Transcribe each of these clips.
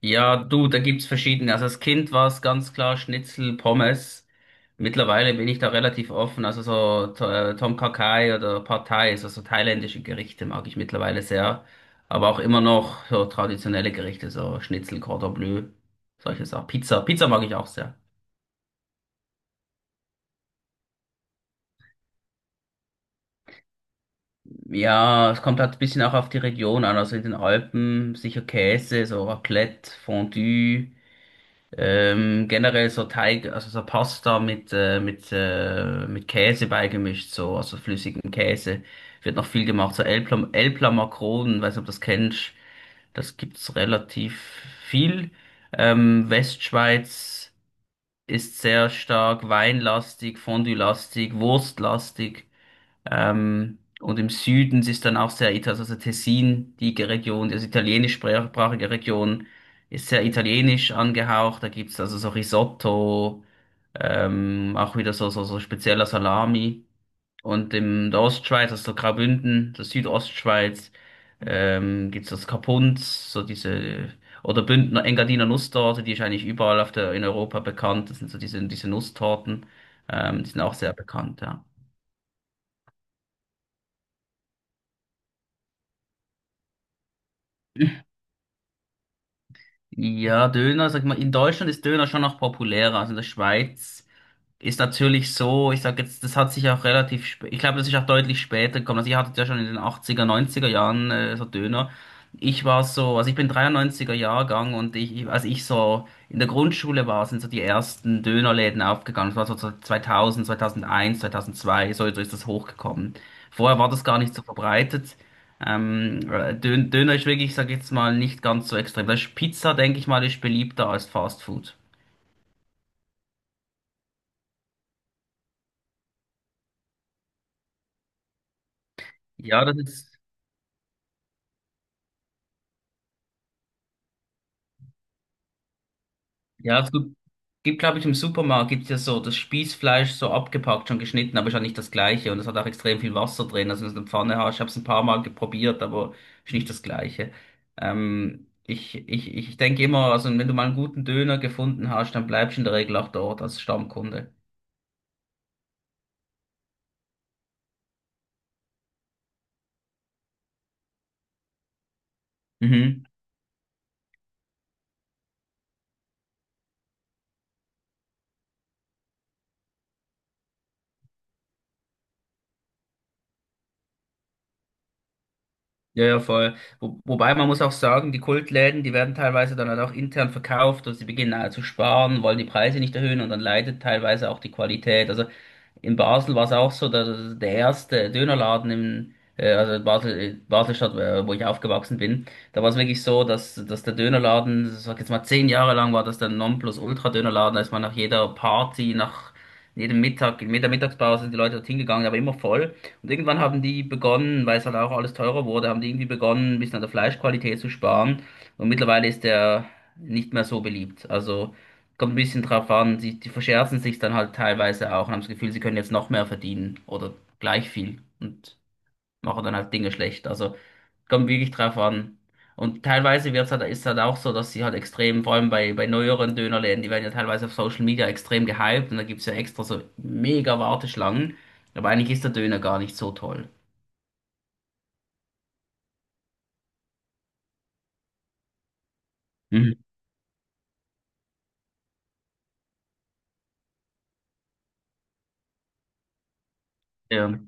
Ja, du, da gibt's verschiedene. Also als Kind war es ganz klar Schnitzel, Pommes. Mittlerweile bin ich da relativ offen. Also so Tom Kha Kai oder Pad Thai, also so thailändische Gerichte mag ich mittlerweile sehr. Aber auch immer noch so traditionelle Gerichte, so Schnitzel, Cordon Bleu, solche Sachen. Pizza, Pizza mag ich auch sehr. Ja, es kommt halt ein bisschen auch auf die Region an. Also in den Alpen sicher Käse, so Raclette, Fondue. Generell so Teig, also so Pasta mit Käse beigemischt, so, also flüssigem Käse. Wird noch viel gemacht. So Elpla, Elpla Makronen, weiß nicht, ob du das kennst. Das gibt's relativ viel. Westschweiz ist sehr stark weinlastig, fondue-lastig, wurstlastig. Und im Süden ist dann auch sehr italienisch, also Tessin, die Region, also italienischsprachige Region, ist sehr italienisch angehaucht. Da gibt's also so Risotto, auch wieder so spezieller Salami. Und in der Ostschweiz, also so Graubünden, der Südostschweiz, gibt's das Kapunz, so diese, oder Bündner, Engadiner Nusstorte, die ist eigentlich überall auf der, in Europa bekannt. Das sind so diese Nusstorten, die sind auch sehr bekannt, ja. Ja, Döner, sag mal, in Deutschland ist Döner schon noch populärer als in der Schweiz, ist natürlich so, ich sag jetzt, das hat sich auch relativ spät, ich glaube, das ist auch deutlich später gekommen. Also ihr hattet ja schon in den achtziger, neunziger Jahren so Döner. Ich war so, also ich bin 93 Jahrgang und als ich so in der Grundschule war, sind so die ersten Dönerläden aufgegangen. Das war so 2000, 2001, 2002, so ist das hochgekommen. Vorher war das gar nicht so verbreitet. Döner ist wirklich, ich sag jetzt mal, nicht ganz so extrem. Das ist Pizza, denke ich mal, ist beliebter als Fast Food. Ja, das ist, ja, das gibt, glaube ich, im Supermarkt gibt's ja so das Spießfleisch so abgepackt, schon geschnitten, aber ist ja nicht das gleiche. Und es hat auch extrem viel Wasser drin. Also wenn du eine Pfanne hast, ich habe es ein paar Mal geprobiert, aber ist nicht das gleiche. Ich denke immer, also wenn du mal einen guten Döner gefunden hast, dann bleibst du in der Regel auch dort als Stammkunde. Mhm. Ja, ja, voll. Wobei man muss auch sagen, die Kultläden, die werden teilweise dann halt auch intern verkauft, also sie beginnen zu sparen, wollen die Preise nicht erhöhen und dann leidet teilweise auch die Qualität. Also in Basel war es auch so, der erste Dönerladen im, also in Basel, Baselstadt, wo ich aufgewachsen bin, da war es wirklich so, dass der Dönerladen, sag jetzt mal 10 Jahre lang war das der Nonplusultra-Dönerladen, da ist man nach jeder Party, nach jedem Mittag, in jeder Mittagspause sind die Leute dorthin gegangen, aber immer voll. Und irgendwann haben die begonnen, weil es halt auch alles teurer wurde, haben die irgendwie begonnen, ein bisschen an der Fleischqualität zu sparen. Und mittlerweile ist der nicht mehr so beliebt. Also, kommt ein bisschen drauf an, die verscherzen sich dann halt teilweise auch und haben das Gefühl, sie können jetzt noch mehr verdienen oder gleich viel und machen dann halt Dinge schlecht. Also kommt wirklich drauf an. Und teilweise wird's halt, ist halt auch so, dass sie halt extrem, vor allem bei neueren Dönerläden, die werden ja teilweise auf Social Media extrem gehypt und da gibt's ja extra so mega Warteschlangen. Aber eigentlich ist der Döner gar nicht so toll. Mhm. Ja.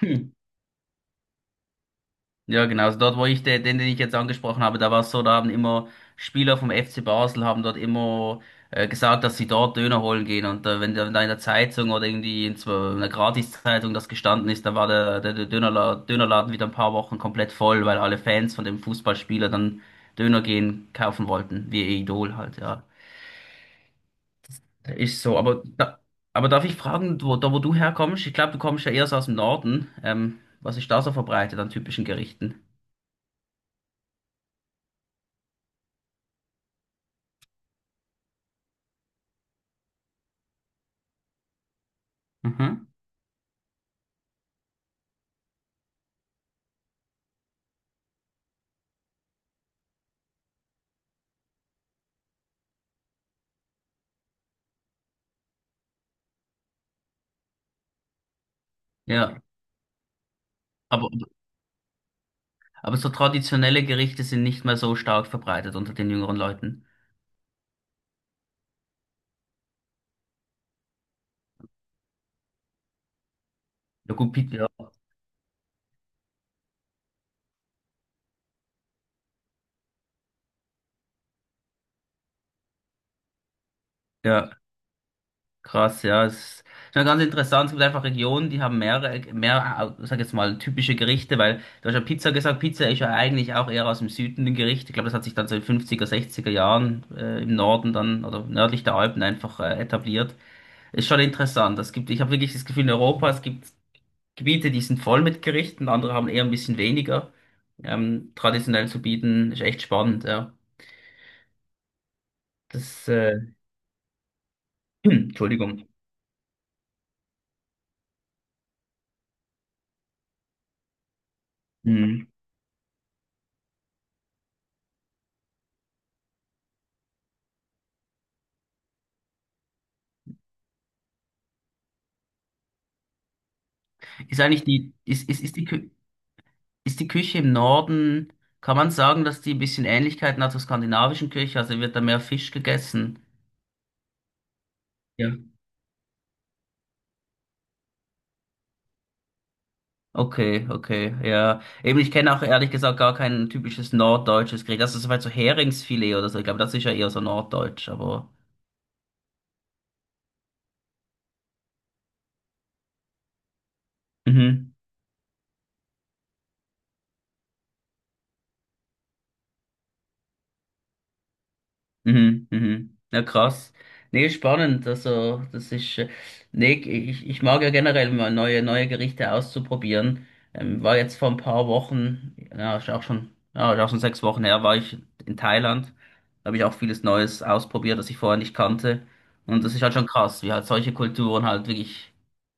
Ja, genau. Also dort, wo ich den ich jetzt angesprochen habe, da war es so, da haben immer Spieler vom FC Basel haben dort immer gesagt, dass sie dort Döner holen gehen. Und wenn da in der Zeitung oder irgendwie in so einer Gratiszeitung das gestanden ist, dann war der, der, der Dönerla Dönerladen wieder ein paar Wochen komplett voll, weil alle Fans von dem Fußballspieler dann Döner gehen kaufen wollten, wie ihr Idol halt, ja. Das ist so, aber da, aber darf ich fragen, da wo du herkommst? Ich glaube, du kommst ja eher so aus dem Norden. Was ist da so verbreitet an typischen Gerichten? Mhm. Ja. Aber, aber so traditionelle Gerichte sind nicht mehr so stark verbreitet unter den jüngeren Leuten. Ja, gut, Pizza. Ja, ja, krass, ja. Es ist schon ganz interessant. Es gibt einfach Regionen, die haben sag jetzt mal, typische Gerichte, weil du hast ja Pizza gesagt. Pizza ist ja eigentlich auch eher aus dem Süden ein Gericht. Ich glaube, das hat sich dann so in 50er, 60er Jahren im Norden dann oder nördlich der Alpen einfach etabliert. Ist schon interessant. Es gibt, ich habe wirklich das Gefühl, in Europa, es gibt Gebiete, die sind voll mit Gerichten, andere haben eher ein bisschen weniger. Traditionell zu bieten, ist echt spannend, ja. Das, äh, Entschuldigung. Hm. Ist eigentlich die, ist die, Kü- ist die Küche im Norden, kann man sagen, dass die ein bisschen Ähnlichkeiten hat zur skandinavischen Küche, also wird da mehr Fisch gegessen? Ja. Okay, okay, ja. Eben, ich kenne auch ehrlich gesagt gar kein typisches norddeutsches Gericht. Also, soweit so Heringsfilet oder so. Ich glaube, das ist ja eher so norddeutsch, aber. Mhm. Mhm, mhm. Ja, krass. Nee, spannend. Also, nee, ich mag ja generell mal neue, neue Gerichte auszuprobieren. War jetzt vor ein paar Wochen, ja, ist auch schon 6 Wochen her, war ich in Thailand. Da habe ich auch vieles Neues ausprobiert, das ich vorher nicht kannte. Und das ist halt schon krass, wie halt solche Kulturen halt wirklich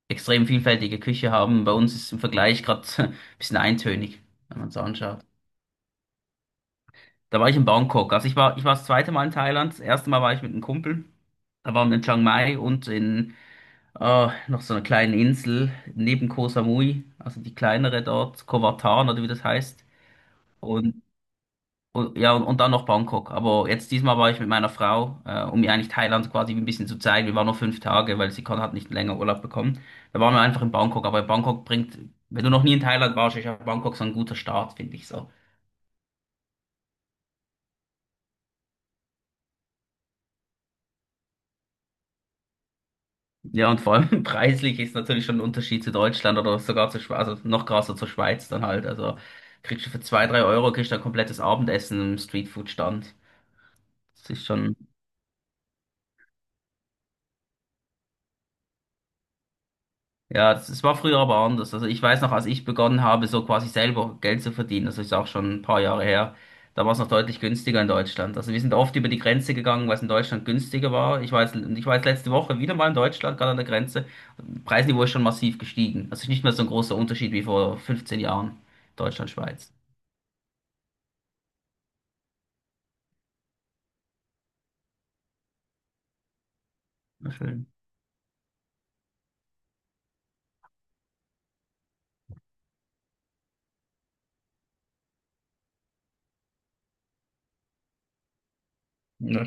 extrem vielfältige Küche haben. Bei uns ist im Vergleich gerade ein bisschen eintönig, wenn man es anschaut. Da war ich in Bangkok. Also ich war das zweite Mal in Thailand. Das erste Mal war ich mit einem Kumpel. Da waren wir in Chiang Mai und in noch so einer kleinen Insel neben Koh Samui, also die kleinere dort, Koh Latan oder wie das heißt. Und, und dann noch Bangkok. Aber jetzt diesmal war ich mit meiner Frau, um ihr eigentlich Thailand quasi ein bisschen zu zeigen. Wir waren nur 5 Tage, weil sie hat nicht länger Urlaub bekommen. Da waren wir einfach in Bangkok. Aber Bangkok bringt, wenn du noch nie in Thailand warst, ist ja Bangkok so ein guter Start, finde ich so. Ja, und vor allem preislich ist natürlich schon ein Unterschied zu Deutschland oder sogar zu Schweiz, also noch krasser zur Schweiz dann halt. Also kriegst du für 2, 3 Euro kriegst du ein komplettes Abendessen im Streetfood-Stand. Das ist schon. Ja, das war früher aber anders. Also ich weiß noch, als ich begonnen habe, so quasi selber Geld zu verdienen, das ist auch schon ein paar Jahre her, da war es noch deutlich günstiger in Deutschland. Also wir sind oft über die Grenze gegangen, weil es in Deutschland günstiger war. Ich war jetzt letzte Woche wieder mal in Deutschland, gerade an der Grenze. Preisniveau ist schon massiv gestiegen. Also nicht mehr so ein großer Unterschied wie vor 15 Jahren. Deutschland, Schweiz. Na schön. Na,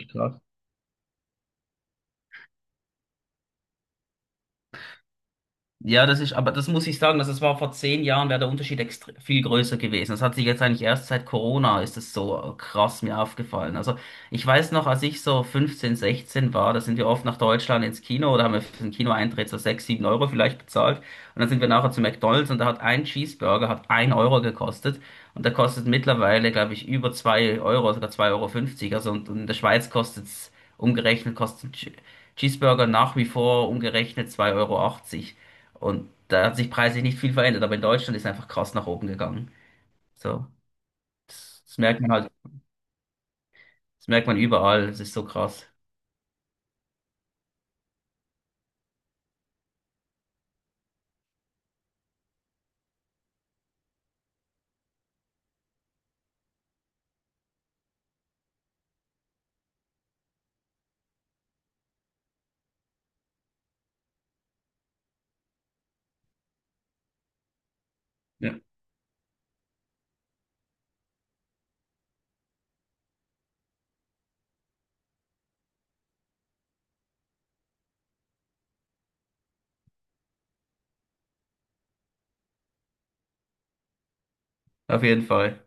ja, das ist, aber das muss ich sagen, dass es war vor 10 Jahren, wäre der Unterschied viel größer gewesen. Das hat sich jetzt eigentlich erst seit Corona ist es so krass mir aufgefallen. Also ich weiß noch, als ich so 15, 16 war, da sind wir oft nach Deutschland ins Kino oder haben wir für den Kinoeintritt so 6, 7 Euro vielleicht bezahlt. Und dann sind wir nachher zu McDonald's und da hat ein Cheeseburger hat ein Euro gekostet. Und der kostet mittlerweile, glaube ich, über zwei Euro, sogar 2 Euro fünfzig. Also und in der Schweiz kostet's umgerechnet, kostet ein Cheeseburger nach wie vor umgerechnet zwei Euro achtzig. Und da hat sich preislich nicht viel verändert, aber in Deutschland ist einfach krass nach oben gegangen. So, das merkt man halt, das merkt man überall, es ist so krass. Ja, auf jeden Fall.